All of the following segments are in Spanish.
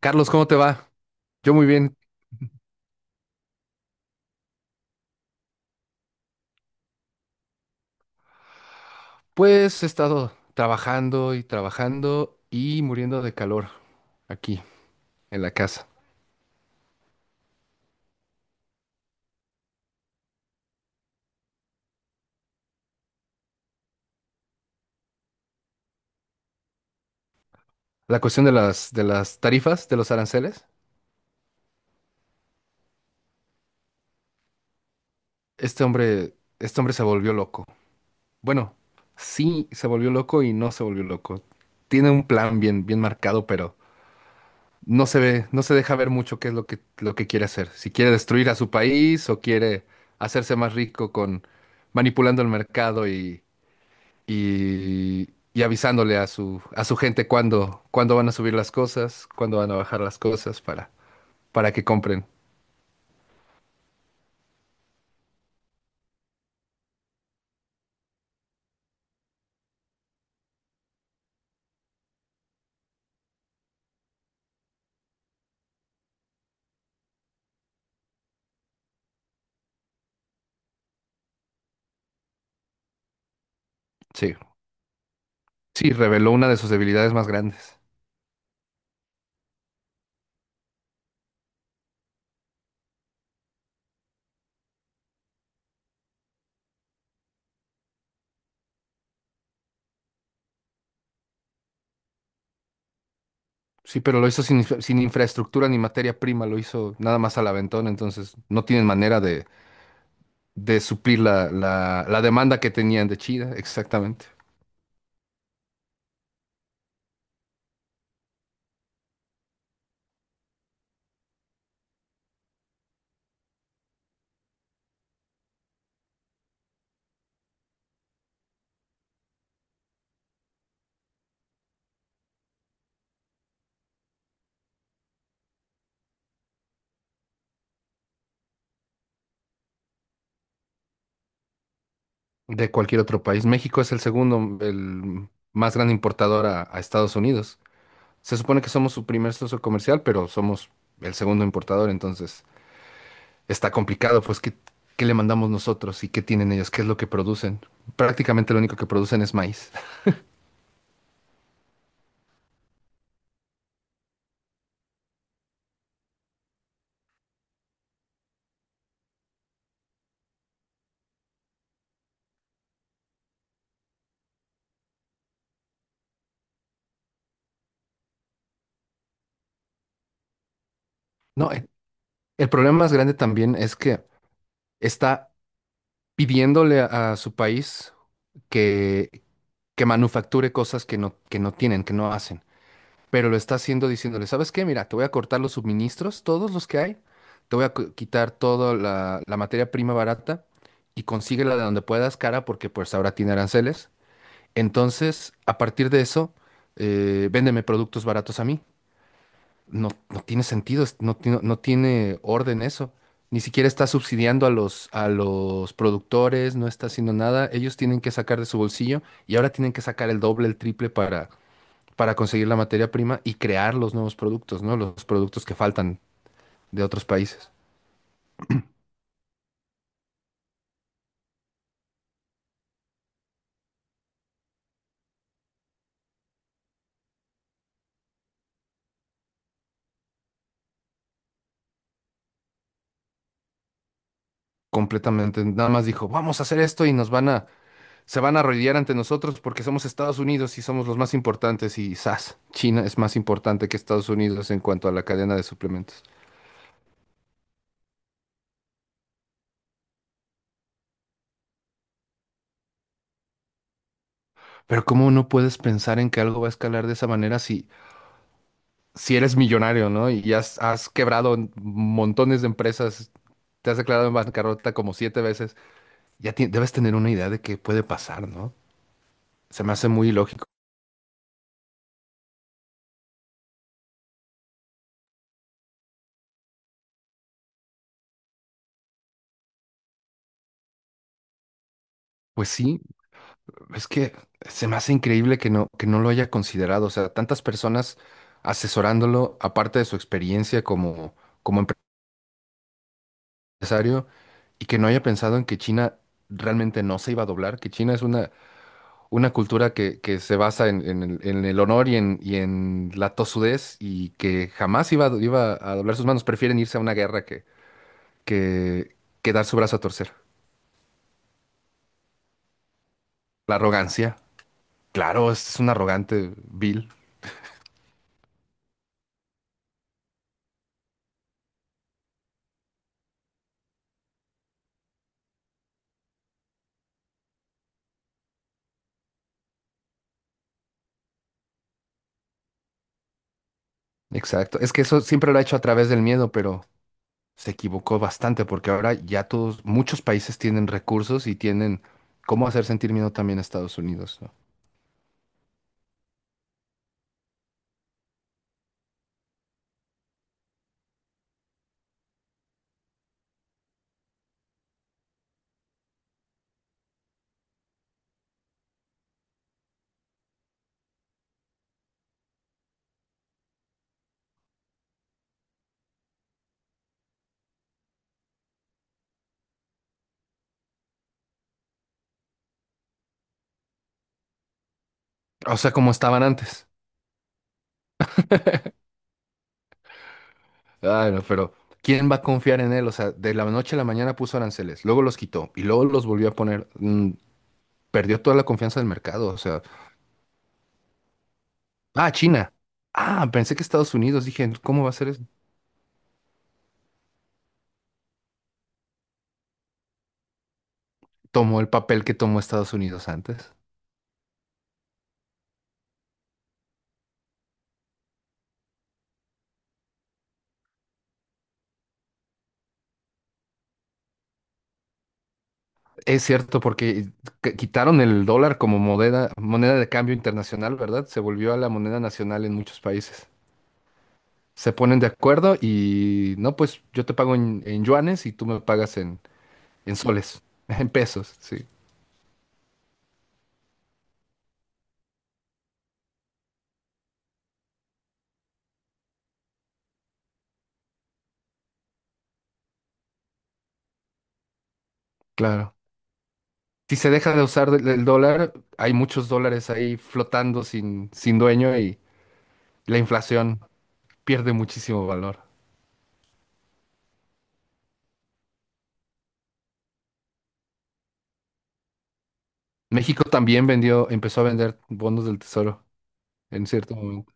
Carlos, ¿cómo te va? Yo muy bien. Pues he estado trabajando y trabajando y muriendo de calor aquí en la casa. La cuestión de las tarifas, de los aranceles. Este hombre se volvió loco. Bueno, sí se volvió loco y no se volvió loco. Tiene un plan bien bien marcado, pero no se ve, no se deja ver mucho qué es lo que quiere hacer. Si quiere destruir a su país o quiere hacerse más rico con manipulando el mercado y avisándole a su gente cuándo, cuándo van a subir las cosas, cuándo van a bajar las cosas para que compren. Sí, sí, reveló una de sus debilidades más grandes. Sí, pero lo hizo sin, sin infraestructura ni materia prima, lo hizo nada más al aventón, entonces no tienen manera de suplir la, la, la demanda que tenían de China, exactamente, de cualquier otro país. México es el segundo, el más gran importador a Estados Unidos. Se supone que somos su primer socio comercial, pero somos el segundo importador, entonces está complicado, pues, ¿qué, qué le mandamos nosotros y qué tienen ellos? ¿Qué es lo que producen? Prácticamente lo único que producen es maíz. No, el problema más grande también es que está pidiéndole a su país que, que manufacture cosas que no tienen, que no hacen. Pero lo está haciendo diciéndole, ¿sabes qué? Mira, te voy a cortar los suministros, todos los que hay, te voy a quitar toda la, la materia prima barata y consíguela de donde puedas cara porque pues ahora tiene aranceles. Entonces, a partir de eso, véndeme productos baratos a mí. No, no tiene sentido, no, no tiene orden eso. Ni siquiera está subsidiando a los productores, no está haciendo nada. Ellos tienen que sacar de su bolsillo y ahora tienen que sacar el doble, el triple para conseguir la materia prima y crear los nuevos productos, ¿no? Los productos que faltan de otros países. Completamente, nada más dijo, vamos a hacer esto y nos van a, se van a arrodillar ante nosotros porque somos Estados Unidos y somos los más importantes y ¡zas! China es más importante que Estados Unidos en cuanto a la cadena de suplementos. Pero ¿cómo no puedes pensar en que algo va a escalar de esa manera si, si eres millonario, ¿no? Y has, has quebrado montones de empresas, te has declarado en bancarrota como siete veces. Ya debes tener una idea de qué puede pasar, ¿no? Se me hace muy ilógico. Pues sí, es que se me hace increíble que no lo haya considerado. O sea, tantas personas asesorándolo, aparte de su experiencia como, como empresario, y que no haya pensado en que China realmente no se iba a doblar, que China es una cultura que se basa en el honor y en la tozudez y que jamás iba, a iba a doblar sus manos. Prefieren irse a una guerra que, que dar su brazo a torcer. La arrogancia, claro, es un arrogante, vil. Exacto. Es que eso siempre lo ha hecho a través del miedo, pero se equivocó bastante porque ahora ya todos, muchos países tienen recursos y tienen cómo hacer sentir miedo también a Estados Unidos, ¿no? O sea, como estaban antes. Ay, no, pero ¿quién va a confiar en él? O sea, de la noche a la mañana puso aranceles, luego los quitó y luego los volvió a poner. Perdió toda la confianza del mercado. O sea, ah, China. Ah, pensé que Estados Unidos. Dije, ¿cómo va a ser eso? Tomó el papel que tomó Estados Unidos antes. Es cierto, porque quitaron el dólar como moneda, moneda de cambio internacional, ¿verdad? Se volvió a la moneda nacional en muchos países. Se ponen de acuerdo y no, pues yo te pago en yuanes y tú me pagas en soles, en pesos, sí, claro. Si se deja de usar el dólar, hay muchos dólares ahí flotando sin, sin dueño y la inflación pierde muchísimo valor. México también vendió, empezó a vender bonos del tesoro en cierto momento.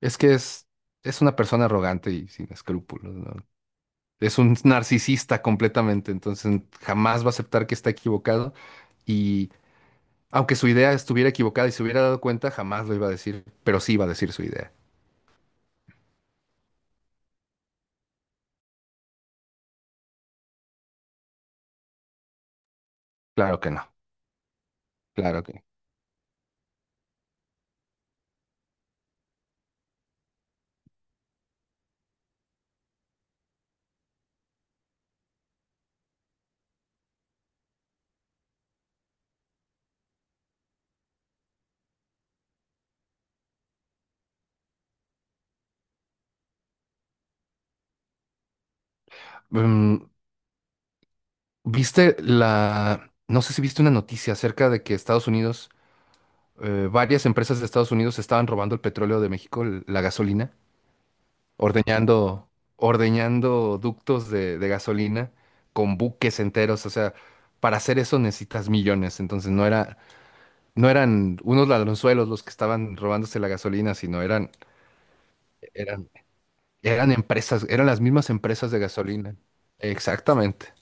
Es que es una persona arrogante y sin escrúpulos, ¿no? Es un narcisista completamente, entonces jamás va a aceptar que está equivocado y aunque su idea estuviera equivocada y se hubiera dado cuenta, jamás lo iba a decir, pero sí iba a decir su idea. Claro que no, claro que no. Mm, ¿viste la... No sé si viste una noticia acerca de que Estados Unidos, varias empresas de Estados Unidos estaban robando el petróleo de México, la gasolina? Ordeñando, ordeñando ductos de gasolina con buques enteros. O sea, para hacer eso necesitas millones. Entonces no era, no eran unos ladronzuelos los que estaban robándose la gasolina, sino eran, eran, eran empresas, eran las mismas empresas de gasolina. Exactamente.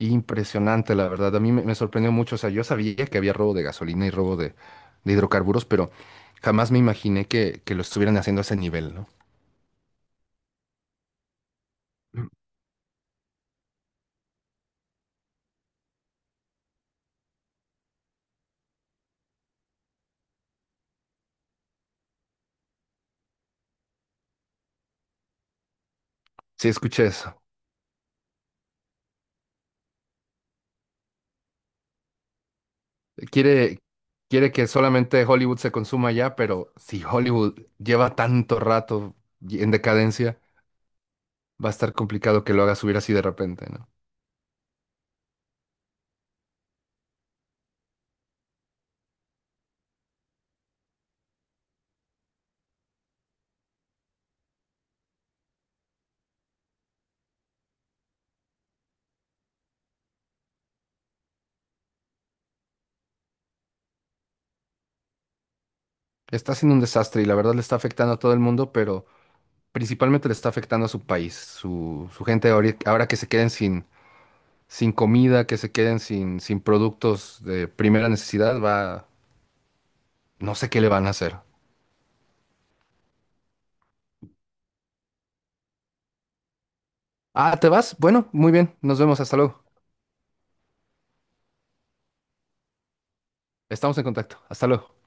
Impresionante, la verdad. A mí me, me sorprendió mucho. O sea, yo sabía que había robo de gasolina y robo de hidrocarburos, pero jamás me imaginé que lo estuvieran haciendo a ese nivel, ¿no? Mm. Sí, escuché eso. Quiere, quiere que solamente Hollywood se consuma ya, pero si Hollywood lleva tanto rato en decadencia, va a estar complicado que lo haga subir así de repente, ¿no? Está siendo un desastre y la verdad le está afectando a todo el mundo, pero principalmente le está afectando a su país, su gente ahora que se queden sin, sin comida, que se queden sin, sin productos de primera necesidad, va, no sé qué le van a hacer. Ah, ¿te vas? Bueno, muy bien, nos vemos, hasta luego. Estamos en contacto, hasta luego.